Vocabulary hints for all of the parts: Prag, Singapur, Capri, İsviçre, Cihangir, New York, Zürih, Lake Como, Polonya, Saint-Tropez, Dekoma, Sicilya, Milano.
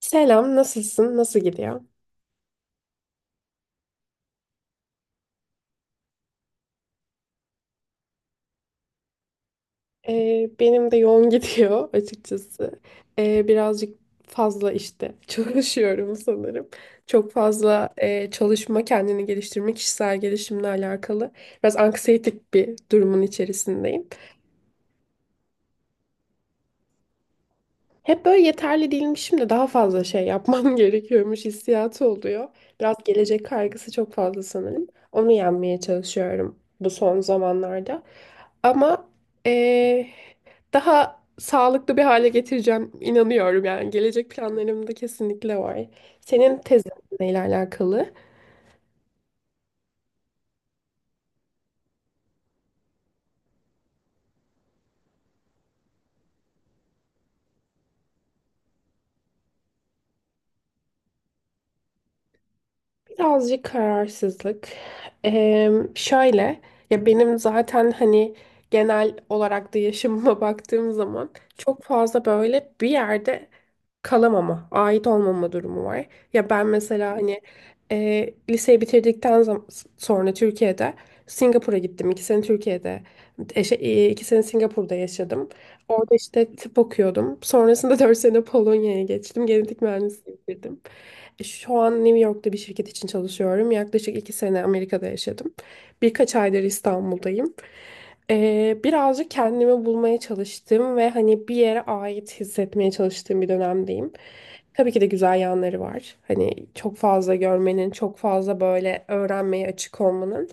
Selam, nasılsın? Nasıl gidiyor? Benim de yoğun gidiyor açıkçası. Birazcık fazla işte çalışıyorum sanırım. Çok fazla çalışma, kendini geliştirme, kişisel gelişimle alakalı. Biraz anksiyetik bir durumun içerisindeyim. Hep böyle yeterli değilmişim de daha fazla şey yapmam gerekiyormuş hissiyatı oluyor. Biraz gelecek kaygısı çok fazla sanırım. Onu yenmeye çalışıyorum bu son zamanlarda. Ama eee, daha sağlıklı bir hale getireceğim inanıyorum yani. Gelecek planlarımda kesinlikle var. Senin tezin neyle alakalı? Birazcık kararsızlık. Şöyle ya, benim zaten hani genel olarak da yaşamıma baktığım zaman çok fazla böyle bir yerde kalamama, ait olmama durumu var. Ya ben mesela hani liseyi bitirdikten sonra Türkiye'de Singapur'a gittim. İki sene Türkiye'de, şey, iki sene Singapur'da yaşadım. Orada işte tıp okuyordum. Sonrasında 4 sene Polonya'ya geçtim. Genetik mühendisliği bitirdim. Şu an New York'ta bir şirket için çalışıyorum. Yaklaşık 2 sene Amerika'da yaşadım. Birkaç aydır İstanbul'dayım. Birazcık kendimi bulmaya çalıştım ve hani bir yere ait hissetmeye çalıştığım bir dönemdeyim. Tabii ki de güzel yanları var. Hani çok fazla görmenin, çok fazla böyle öğrenmeye açık olmanın.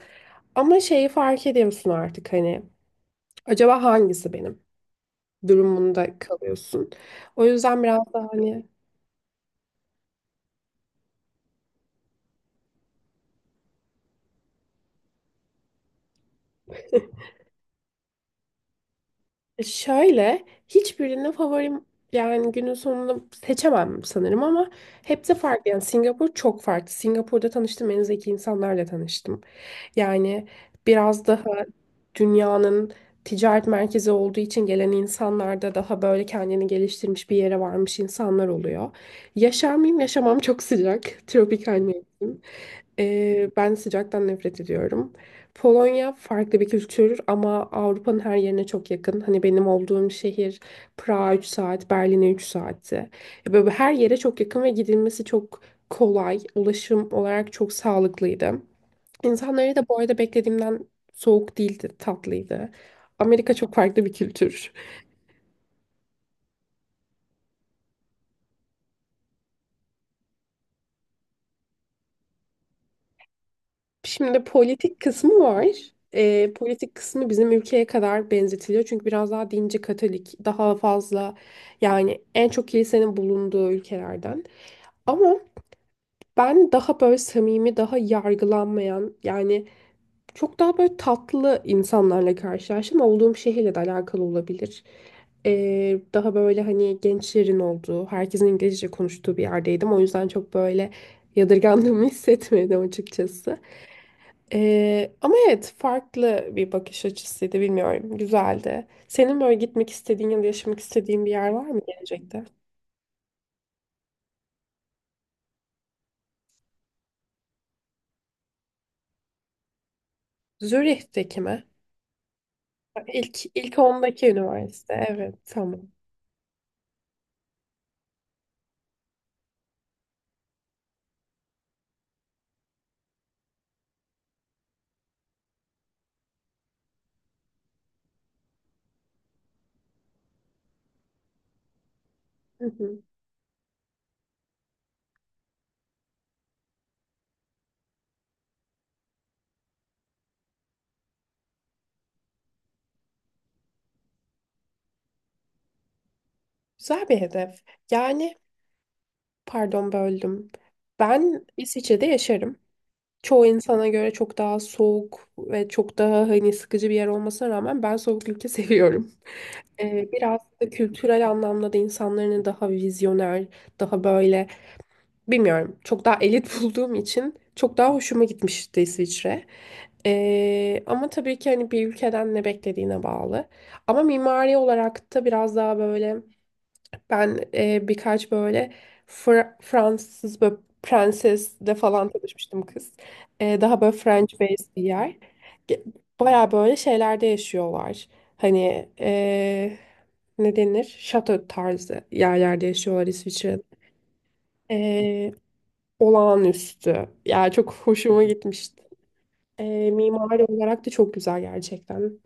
Ama şeyi fark ediyorsun artık, hani acaba hangisi benim durumunda kalıyorsun. O yüzden biraz daha hani şöyle, hiçbirine favorim yani günün sonunda seçemem sanırım, ama hepsi farklı. Yani Singapur çok farklı. Singapur'da tanıştığım en zeki insanlarla tanıştım. Yani biraz daha dünyanın ticaret merkezi olduğu için gelen insanlarda daha böyle kendini geliştirmiş bir yere varmış insanlar oluyor. Yaşar mıyım? Yaşamam, çok sıcak. Tropikal mevsim. Ben sıcaktan nefret ediyorum. Polonya farklı bir kültür ama Avrupa'nın her yerine çok yakın. Hani benim olduğum şehir Prag'a 3 saat, Berlin'e 3 saatti. Böyle her yere çok yakın ve gidilmesi çok kolay. Ulaşım olarak çok sağlıklıydı. İnsanları da bu arada beklediğimden soğuk değildi, tatlıydı. Amerika çok farklı bir kültür. Şimdi politik kısmı var. Politik kısmı bizim ülkeye kadar benzetiliyor. Çünkü biraz daha dinci Katolik, daha fazla yani en çok kilisenin bulunduğu ülkelerden. Ama ben daha böyle samimi, daha yargılanmayan yani çok daha böyle tatlı insanlarla karşılaştım. Olduğum şehirle de alakalı olabilir. Daha böyle hani gençlerin olduğu, herkesin İngilizce konuştuğu bir yerdeydim. O yüzden çok böyle yadırgandığımı hissetmedim açıkçası. Ama evet, farklı bir bakış açısıydı, bilmiyorum, güzeldi. Senin böyle gitmek istediğin ya da yaşamak istediğin bir yer var mı gelecekte? Zürih'teki mi? İlk ondaki üniversite, evet, tamam. Hı hı. Güzel bir hedef. Yani pardon, böldüm. Ben İsviçre'de yaşarım. Çoğu insana göre çok daha soğuk ve çok daha hani sıkıcı bir yer olmasına rağmen ben soğuk ülke seviyorum. Biraz da kültürel anlamda da insanların daha vizyoner, daha böyle bilmiyorum çok daha elit bulduğum için çok daha hoşuma gitmişti İsviçre. Ama tabii ki hani bir ülkeden ne beklediğine bağlı. Ama mimari olarak da biraz daha böyle ben birkaç böyle Fransız böyle prensesle falan tanışmıştım, kız. Daha böyle French based bir yer. Ge- Baya böyle şeylerde yaşıyorlar. Hani ne denir? Şato tarzı yerlerde yaşıyorlar İsviçre'de. E, Olağanüstü. Yani çok hoşuma gitmişti. Mimari olarak da çok güzel gerçekten.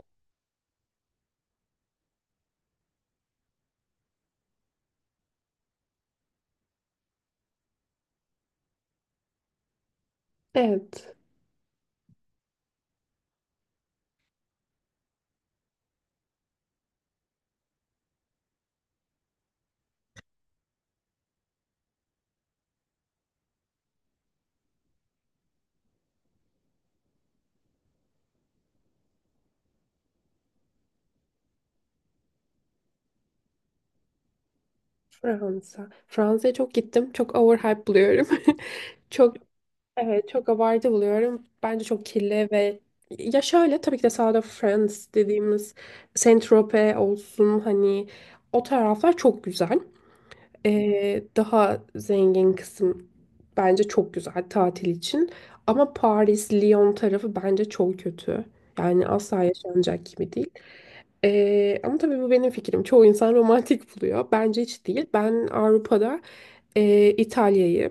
Evet. Fransa'ya çok gittim. Çok overhype buluyorum. Çok Evet, çok abartı buluyorum. Bence çok kirli ve ya, şöyle tabii ki de South of France dediğimiz Saint-Tropez olsun, hani o taraflar çok güzel. Daha zengin kısım bence çok güzel tatil için. Ama Paris, Lyon tarafı bence çok kötü. Yani asla yaşanacak gibi değil. Ama tabii bu benim fikrim. Çoğu insan romantik buluyor. Bence hiç değil. Ben Avrupa'da İtalya'yı,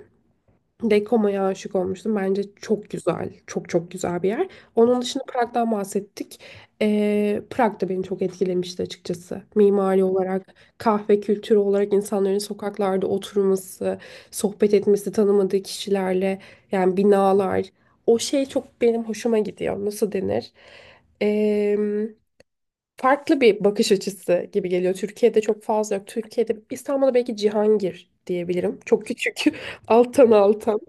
Dekoma'ya aşık olmuştum. Bence çok güzel. Çok çok güzel bir yer. Onun dışında Prag'dan bahsettik. Prag da beni çok etkilemişti açıkçası. Mimari olarak, kahve kültürü olarak, insanların sokaklarda oturması, sohbet etmesi tanımadığı kişilerle, yani binalar. O şey çok benim hoşuma gidiyor. Nasıl denir? Ee, Farklı bir bakış açısı gibi geliyor. Türkiye'de çok fazla yok. Türkiye'de, İstanbul'da belki Cihangir diyebilirim. Çok küçük. Altan altan.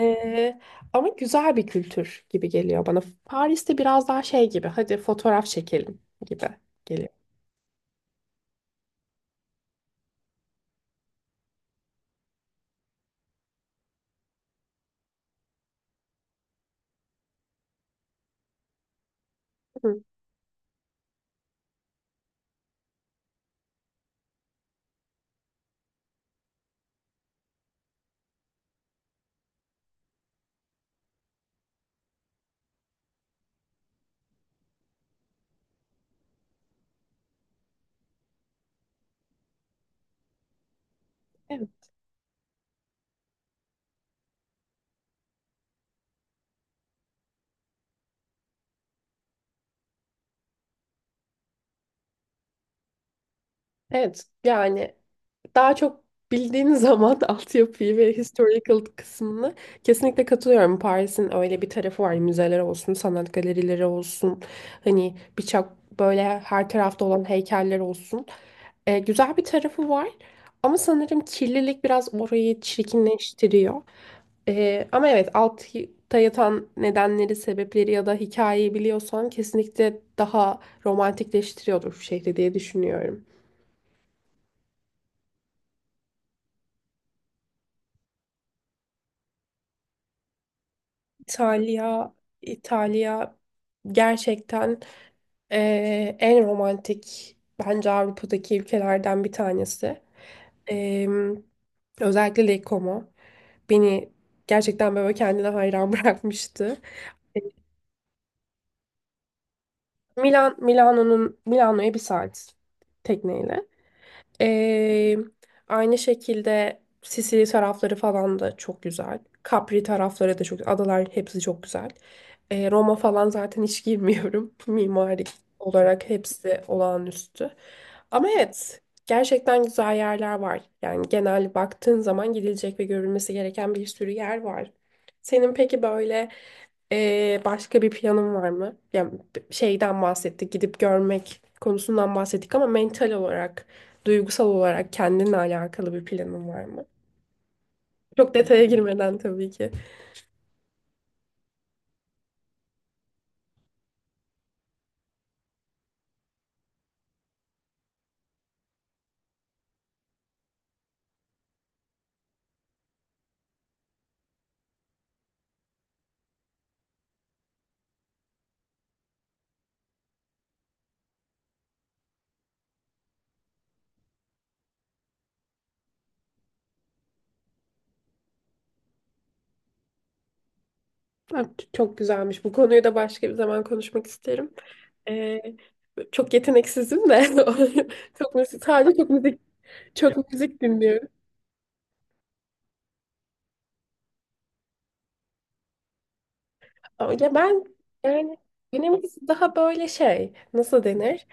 Ee, Ama güzel bir kültür gibi geliyor bana. Paris'te biraz daha şey gibi, hadi fotoğraf çekelim gibi geliyor. Hı, evet. Evet, yani daha çok bildiğin zaman altyapıyı ve historical kısmını kesinlikle katılıyorum. Paris'in öyle bir tarafı var. Müzeler olsun, sanat galerileri olsun. Hani birçok böyle her tarafta olan heykeller olsun. Güzel bir tarafı var. Ama sanırım kirlilik biraz orayı çirkinleştiriyor. Ama evet, altta yatan nedenleri, sebepleri ya da hikayeyi biliyorsan kesinlikle daha romantikleştiriyordur şehri diye düşünüyorum. İtalya, İtalya gerçekten en romantik bence Avrupa'daki ülkelerden bir tanesi. Eee, Özellikle Lake Como beni gerçekten böyle kendine hayran bırakmıştı. Milano'ya bir saat tekneyle. Ee, Aynı şekilde Sicilya tarafları falan da çok güzel. Capri tarafları da Adalar hepsi çok güzel. Roma falan zaten hiç girmiyorum. Mimari olarak hepsi olağanüstü. Ama evet, gerçekten güzel yerler var. Yani genel baktığın zaman gidilecek ve görülmesi gereken bir sürü yer var. Senin peki böyle başka bir planın var mı? Yani şeyden bahsettik, gidip görmek konusundan bahsettik, ama mental olarak, duygusal olarak kendinle alakalı bir planın var mı? Çok detaya girmeden tabii ki. Çok güzelmiş. Bu konuyu da başka bir zaman konuşmak isterim. Ee, Çok yeteneksizim de. Çok müzik, sadece çok müzik, çok müzik dinliyorum. Ya ben, yani benimkisi daha böyle şey, nasıl denir?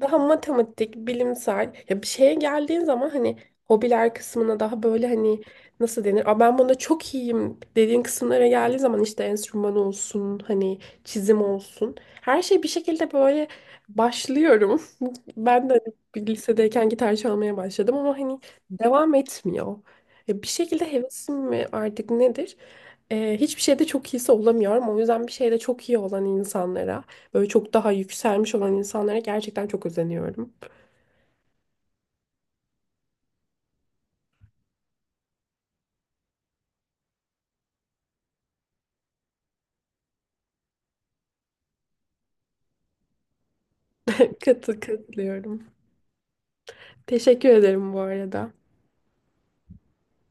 Daha matematik, bilimsel, ya bir şeye geldiğin zaman hani hobiler kısmına daha böyle hani nasıl denir? Aa, ben bunda çok iyiyim dediğin kısımlara geldiği zaman işte enstrüman olsun, hani çizim olsun. Her şey bir şekilde böyle başlıyorum. Ben de hani bir lisedeyken gitar çalmaya başladım ama hani devam etmiyor. Ya bir şekilde hevesim mi artık nedir? Hiçbir şeyde çok iyisi olamıyorum. O yüzden bir şeyde çok iyi olan insanlara, böyle çok daha yükselmiş olan insanlara gerçekten çok özeniyorum. Katılıyorum. Teşekkür ederim bu arada.